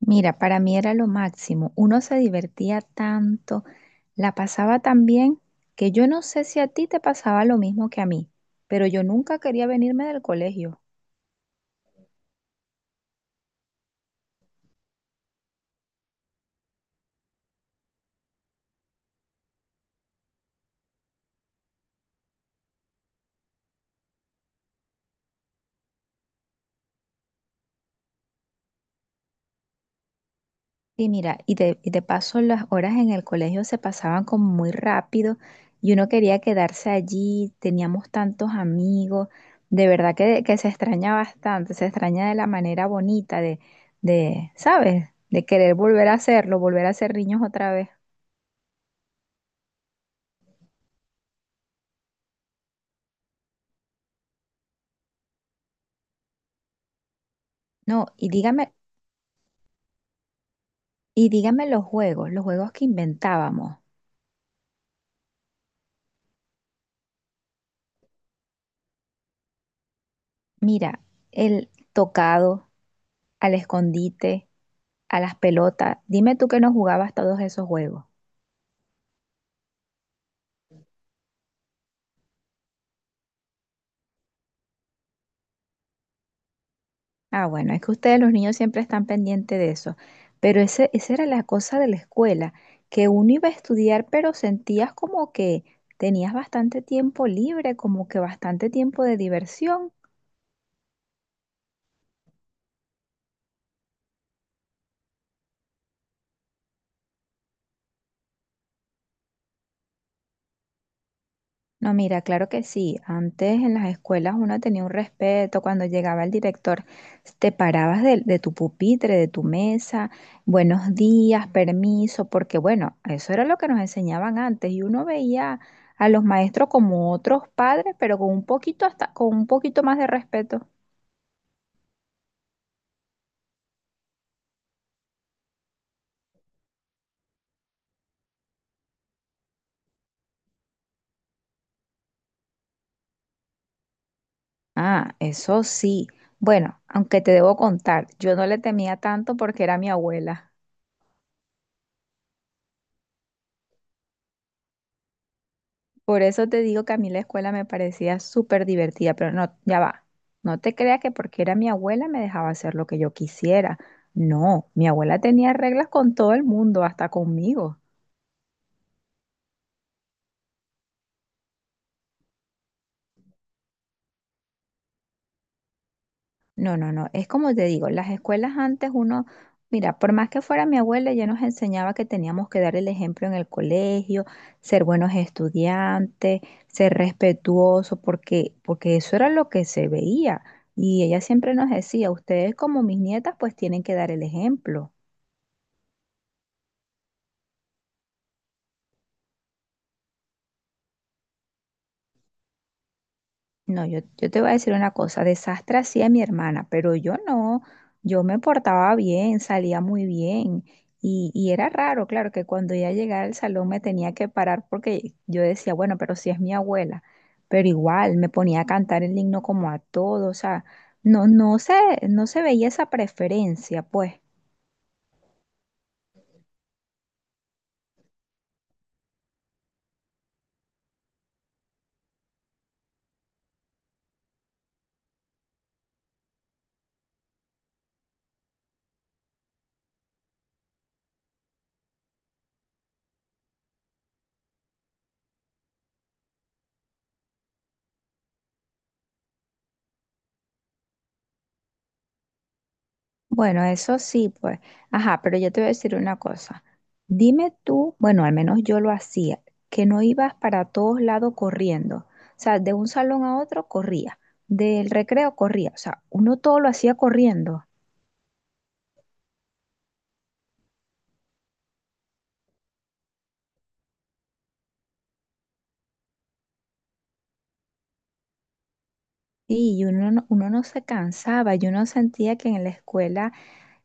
Mira, para mí era lo máximo. Uno se divertía tanto, la pasaba tan bien, que yo no sé si a ti te pasaba lo mismo que a mí, pero yo nunca quería venirme del colegio. Y mira, y de paso las horas en el colegio se pasaban como muy rápido y uno quería quedarse allí, teníamos tantos amigos, de verdad que se extraña bastante, se extraña de la manera bonita de, ¿sabes? De querer volver a hacerlo, volver a ser niños otra vez. No, y dígame. Y dígame los juegos que inventábamos. Mira, el tocado, al escondite, a las pelotas. Dime tú que no jugabas todos esos juegos. Ah, bueno, es que ustedes los niños siempre están pendientes de eso. Pero esa era la cosa de la escuela, que uno iba a estudiar, pero sentías como que tenías bastante tiempo libre, como que bastante tiempo de diversión. No, mira, claro que sí. Antes en las escuelas uno tenía un respeto. Cuando llegaba el director, te parabas de tu pupitre, de tu mesa, buenos días, permiso, porque bueno, eso era lo que nos enseñaban antes y uno veía a los maestros como otros padres, pero con un poquito hasta, con un poquito más de respeto. Ah, eso sí. Bueno, aunque te debo contar, yo no le temía tanto porque era mi abuela. Por eso te digo que a mí la escuela me parecía súper divertida, pero no, ya va. No te creas que porque era mi abuela me dejaba hacer lo que yo quisiera. No, mi abuela tenía reglas con todo el mundo, hasta conmigo. No, no, no. Es como te digo, las escuelas antes uno, mira, por más que fuera mi abuela, ella nos enseñaba que teníamos que dar el ejemplo en el colegio, ser buenos estudiantes, ser respetuosos, porque eso era lo que se veía. Y ella siempre nos decía, ustedes como mis nietas, pues tienen que dar el ejemplo. No, yo te voy a decir una cosa, desastre hacía mi hermana, pero yo no, yo me portaba bien, salía muy bien y era raro, claro, que cuando ella llegara al salón me tenía que parar porque yo decía, bueno, pero si es mi abuela, pero igual me ponía a cantar el himno como a todos, o sea, no, no se, no se veía esa preferencia, pues. Bueno, eso sí, pues, ajá, pero yo te voy a decir una cosa. Dime tú, bueno, al menos yo lo hacía, que no ibas para todos lados corriendo. O sea, de un salón a otro corría, del recreo corría. O sea, uno todo lo hacía corriendo. Sí, uno no se cansaba, yo no sentía que en la escuela,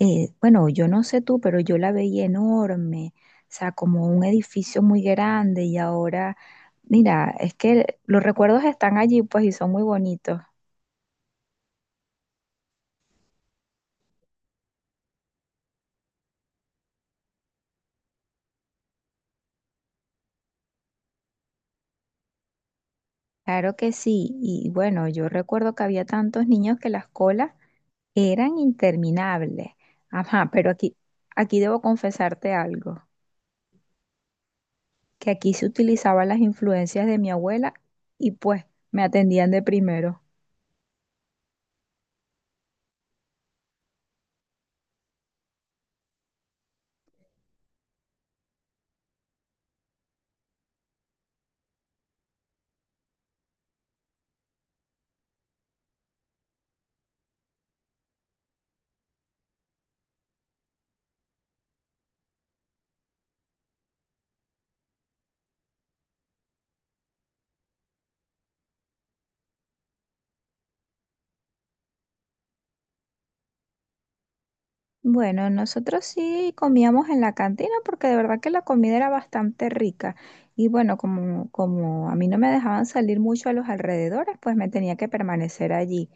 bueno, yo no sé tú, pero yo la veía enorme, o sea, como un edificio muy grande y ahora, mira, es que los recuerdos están allí, pues, y son muy bonitos. Claro que sí, y bueno, yo recuerdo que había tantos niños que las colas eran interminables. Ajá, aquí debo confesarte algo, que aquí se utilizaban las influencias de mi abuela y pues me atendían de primero. Bueno, nosotros sí comíamos en la cantina porque de verdad que la comida era bastante rica. Y bueno, como a mí no me dejaban salir mucho a los alrededores, pues me tenía que permanecer allí.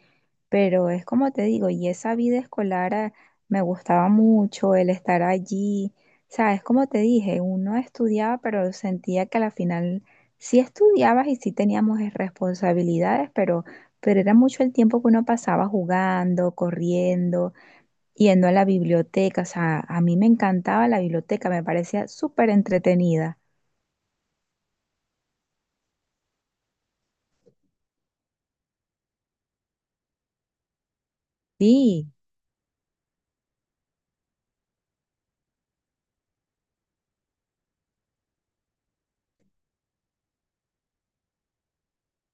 Pero es como te digo, y esa vida escolar ah, me gustaba mucho, el estar allí. Sabes, como te dije, uno estudiaba, pero sentía que a la final sí estudiabas y sí teníamos responsabilidades, pero era mucho el tiempo que uno pasaba jugando, corriendo yendo a la biblioteca. O sea, a mí me encantaba la biblioteca, me parecía súper entretenida. Sí,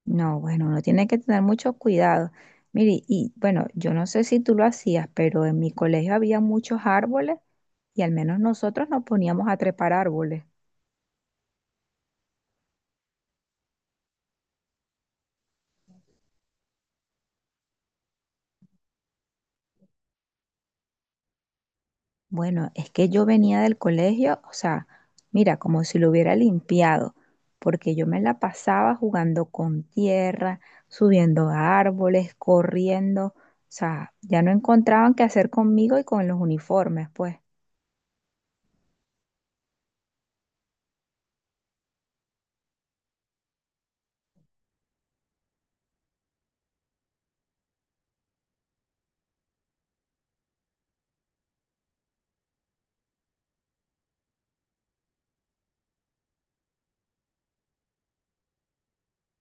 no, bueno, uno tiene que tener mucho cuidado. Mire, y bueno, yo no sé si tú lo hacías, pero en mi colegio había muchos árboles y al menos nosotros nos poníamos a trepar árboles. Bueno, es que yo venía del colegio, o sea, mira, como si lo hubiera limpiado, porque yo me la pasaba jugando con tierra, subiendo a árboles, corriendo, o sea, ya no encontraban qué hacer conmigo y con los uniformes, pues.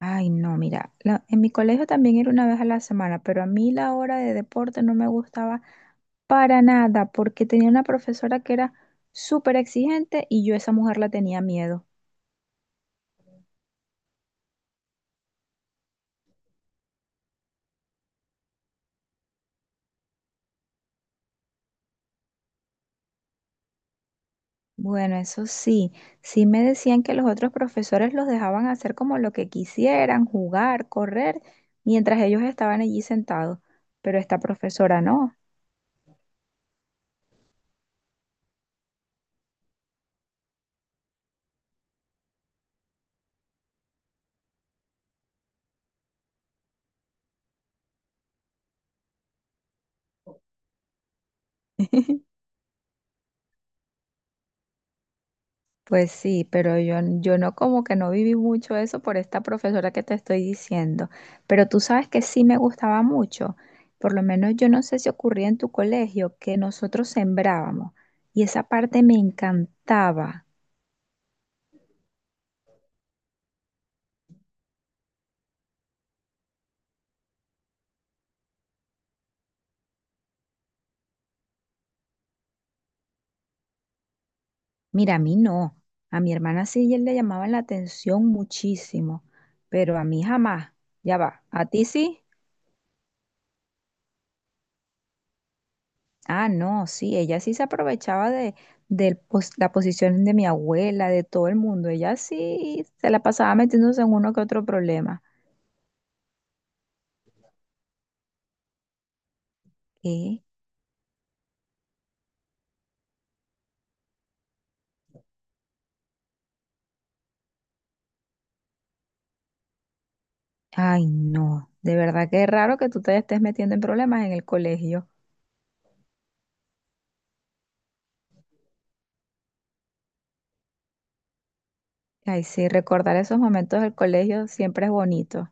Ay, no, mira, la- en mi colegio también era una vez a la semana, pero a mí la hora de deporte no me gustaba para nada, porque tenía una profesora que era súper exigente y yo a esa mujer la tenía miedo. Bueno, eso sí, sí me decían que los otros profesores los dejaban hacer como lo que quisieran, jugar, correr, mientras ellos estaban allí sentados, pero esta profesora no. Pues sí, pero yo no como que no viví mucho eso por esta profesora que te estoy diciendo, pero tú sabes que sí me gustaba mucho, por lo menos yo no sé si ocurría en tu colegio que nosotros sembrábamos y esa parte me encantaba. Mira, a mí no. A mi hermana sí y él le llamaban la atención muchísimo, pero a mí jamás. Ya va. ¿A ti sí? Ah, no, sí. Ella sí se aprovechaba del pos- la posición de mi abuela, de todo el mundo. Ella sí se la pasaba metiéndose en uno que otro problema. ¿Qué? Ay, no. De verdad que es raro que tú te estés metiendo en problemas en el colegio. Ay, sí, recordar esos momentos del colegio siempre es bonito.